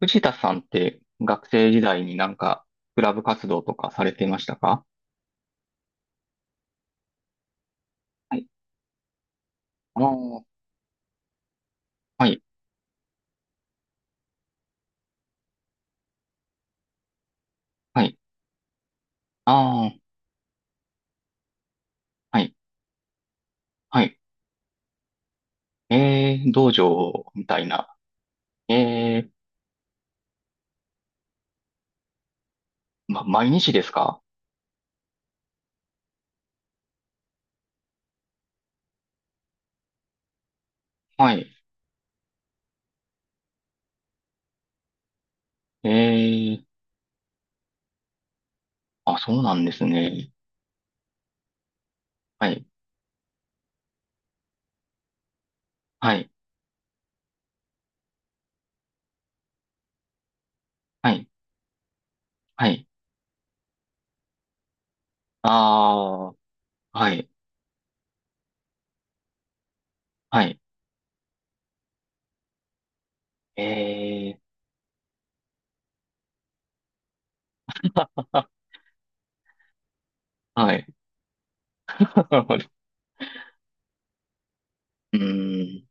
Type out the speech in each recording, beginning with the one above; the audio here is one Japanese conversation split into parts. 藤田さんって学生時代にクラブ活動とかされてましたか？はい。ああ、はい、はい。ああ、はい、はい。えー、道場みたいな。えー、ま、毎日ですか？はい。えー、あ、そうなんですね。はい、はい、はい、はい。ああ、はい、はい。えー、はい。うーん、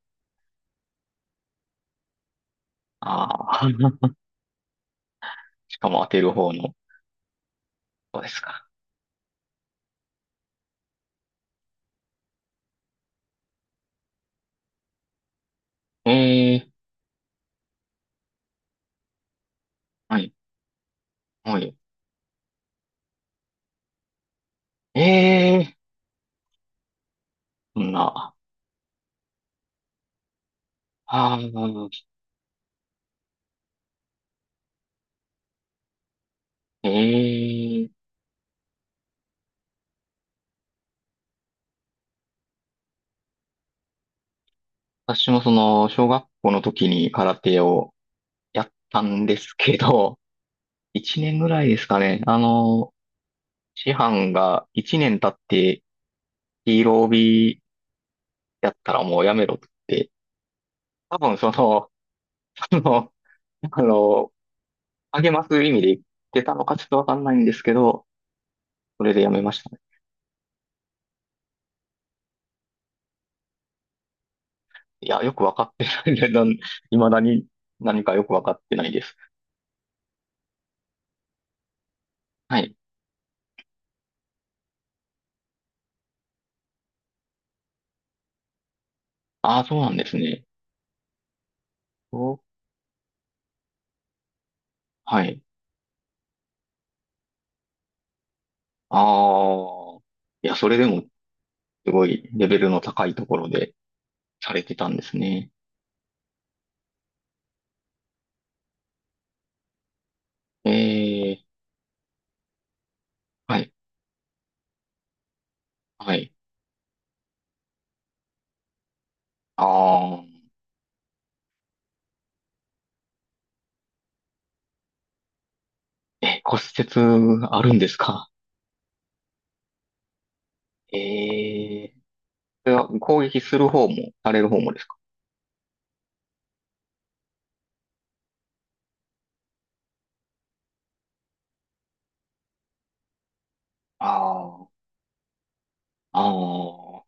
ああ、しかも当てる方の、そうですか。えー、はい。はい。ええー。そんな、ああ、ええー。私もその、小学校の時に空手をやったんですけど、1年ぐらいですかね。師範が1年経ってヒーロー帯やったらもうやめろって、多分その、その、あの、励ます意味で言ってたのかちょっとわかんないんですけど、それでやめましたね。いや、よくわかってないね。未だに何かよくわかってないです。はい。ああ、そうなんですね。お、はい。ああ。いや、それでも、すごいレベルの高いところでされてたんですね。ええ、はい、はい。ああ、え、骨折あるんですか？ええ、それは攻撃する方も、される方もですか？ああ、あ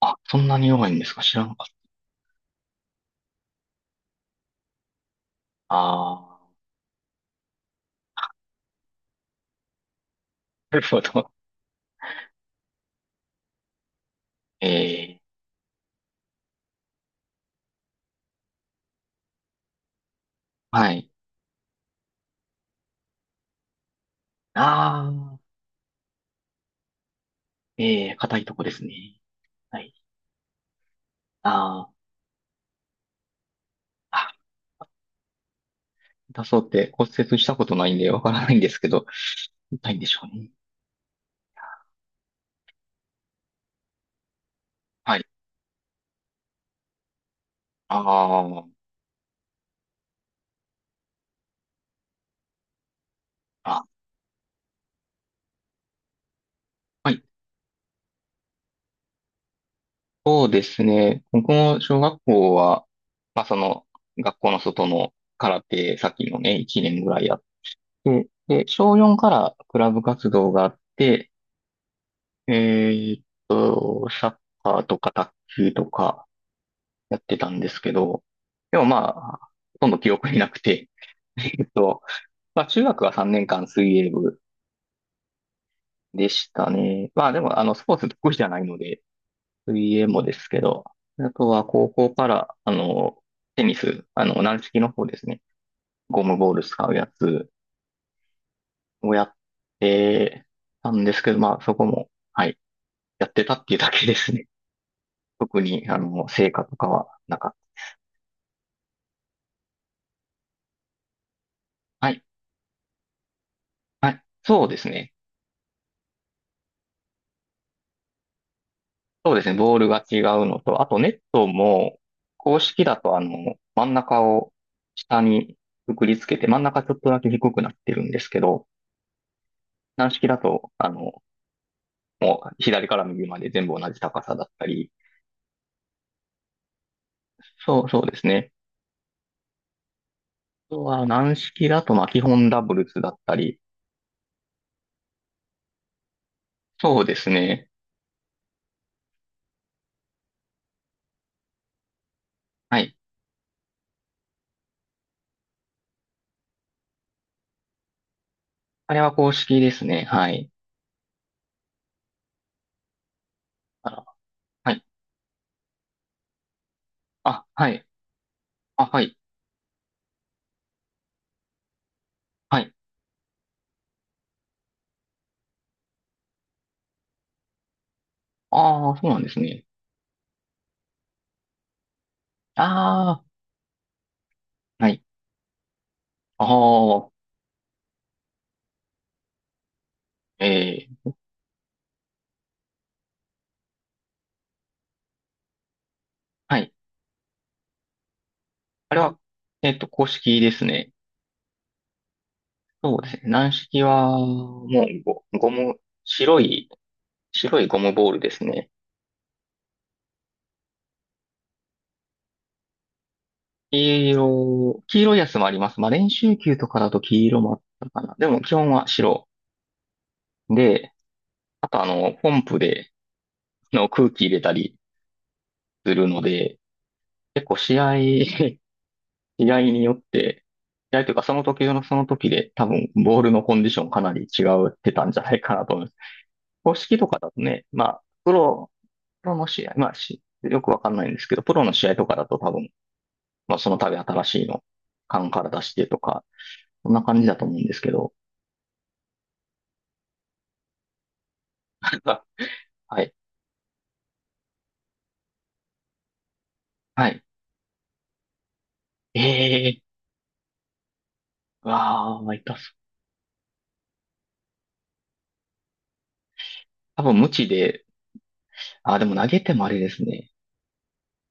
あ、あ、そんなに弱いんですか、知らなかった。ああ、なるほど。ええ、はい。ああ、ええ、硬いとこですね。はい。ああ。あ、出そうって骨折したことないんでわからないんですけど、ないんでしょうね。はい。あー、あ、はい。そうですね。僕も小学校は、まあその、学校の外の空手、さっきのね、1年ぐらいやって、で、小4からクラブ活動があって、えっサッカーとか卓球とかやってたんですけど、でもまあ、ほとんど記憶になくて、えっと、まあ中学は3年間水泳部でしたね。まあでも、スポーツ得意じゃないので、水泳もですけど、あとは高校から、テニス、軟式の方ですね。ゴムボール使うやつをやってたんですけど、まあそこも、はい、やってたっていうだけですね。特に、成果とかはなかった。はい、はい、そうですね。そうですね、ボールが違うのと、あとネットも、公式だと、真ん中を下にくくりつけて、真ん中ちょっとだけ低くなってるんですけど、軟式だと、もう左から右まで全部同じ高さだったり、そう、そうですね。あとは軟式だと、まあ、基本ダブルスだったり、そうですね。はい。あれは公式ですね。はい。あら、はい。あ、はい。あ、はい。はい。ああ、そうなんですね。ああ、はい。ああ、ええ、はい。あれは、公式ですね。そうですね。軟式は、もうゴ、ゴム、白い、白いゴムボールですね。黄色、黄色いやつもあります。まあ、練習球とかだと黄色もあったかな。でも基本は白。で、あとポンプで空気入れたりするので、結構試合、試合によって、試合というかその時のその時で多分ボールのコンディションかなり違ってたんじゃないかなと思います。公式とかだとね、まあ、プロの試合、まあ、よくわかんないんですけど、プロの試合とかだと多分、まあその度新しいの、缶から出してとか、そんな感じだと思うんですけど、はい。はい。ええー、わあ、痛そう。多分無知で、あ、でも投げてもあれですね。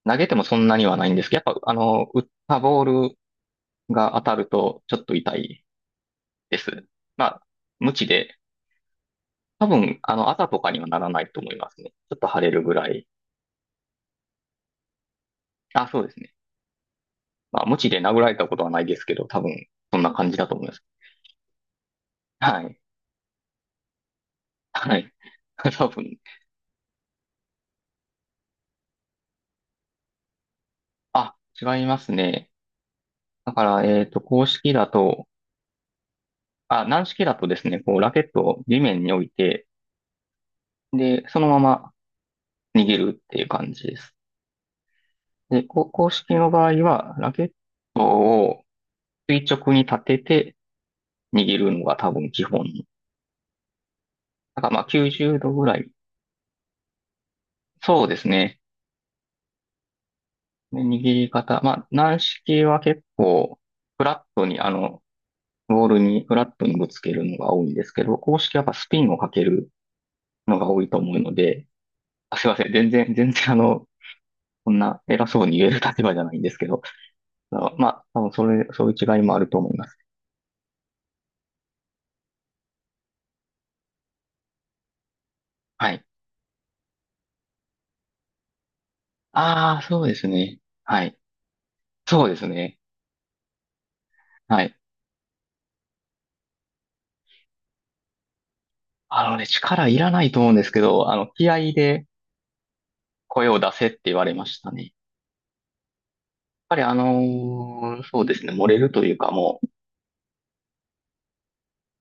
投げてもそんなにはないんですけど、やっぱ、打ったボールが当たるとちょっと痛いです。まあ、無知で、多分、あざとかにはならないと思いますね。ちょっと腫れるぐらい。あ、そうですね。まあ、無知で殴られたことはないですけど、多分、そんな感じだと思います。はい。はい。多分。あ、違いますね。だから、公式だと、あ、軟式だとですね、こう、ラケットを地面に置いて、で、そのまま逃げるっていう感じです。で、公式の場合は、ラケットを垂直に立てて逃げるのが多分基本。だからまあ90度ぐらい。そうですね。で握り方。まあ、軟式は結構、フラットに、ボールにフラットにぶつけるのが多いんですけど、公式はやっぱスピンをかけるのが多いと思うので、あ、すいません。全然こんな偉そうに言える立場じゃないんですけど、あ、まあ、多分、そういう違いもあると思います。はい。ああ、そうですね。はい。そうですね。はい。あのね、力いらないと思うんですけど、気合で声を出せって言われましたね。やっぱりあのーそうですね、漏れるというか、も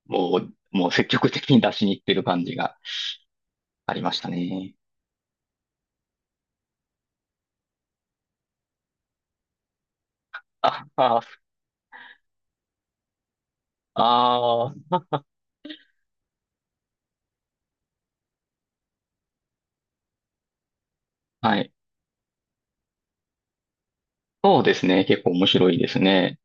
う、もう、もう積極的に出しに行ってる感じがありましたね。あ、あー、あー、はい。そうですね。結構面白いですね。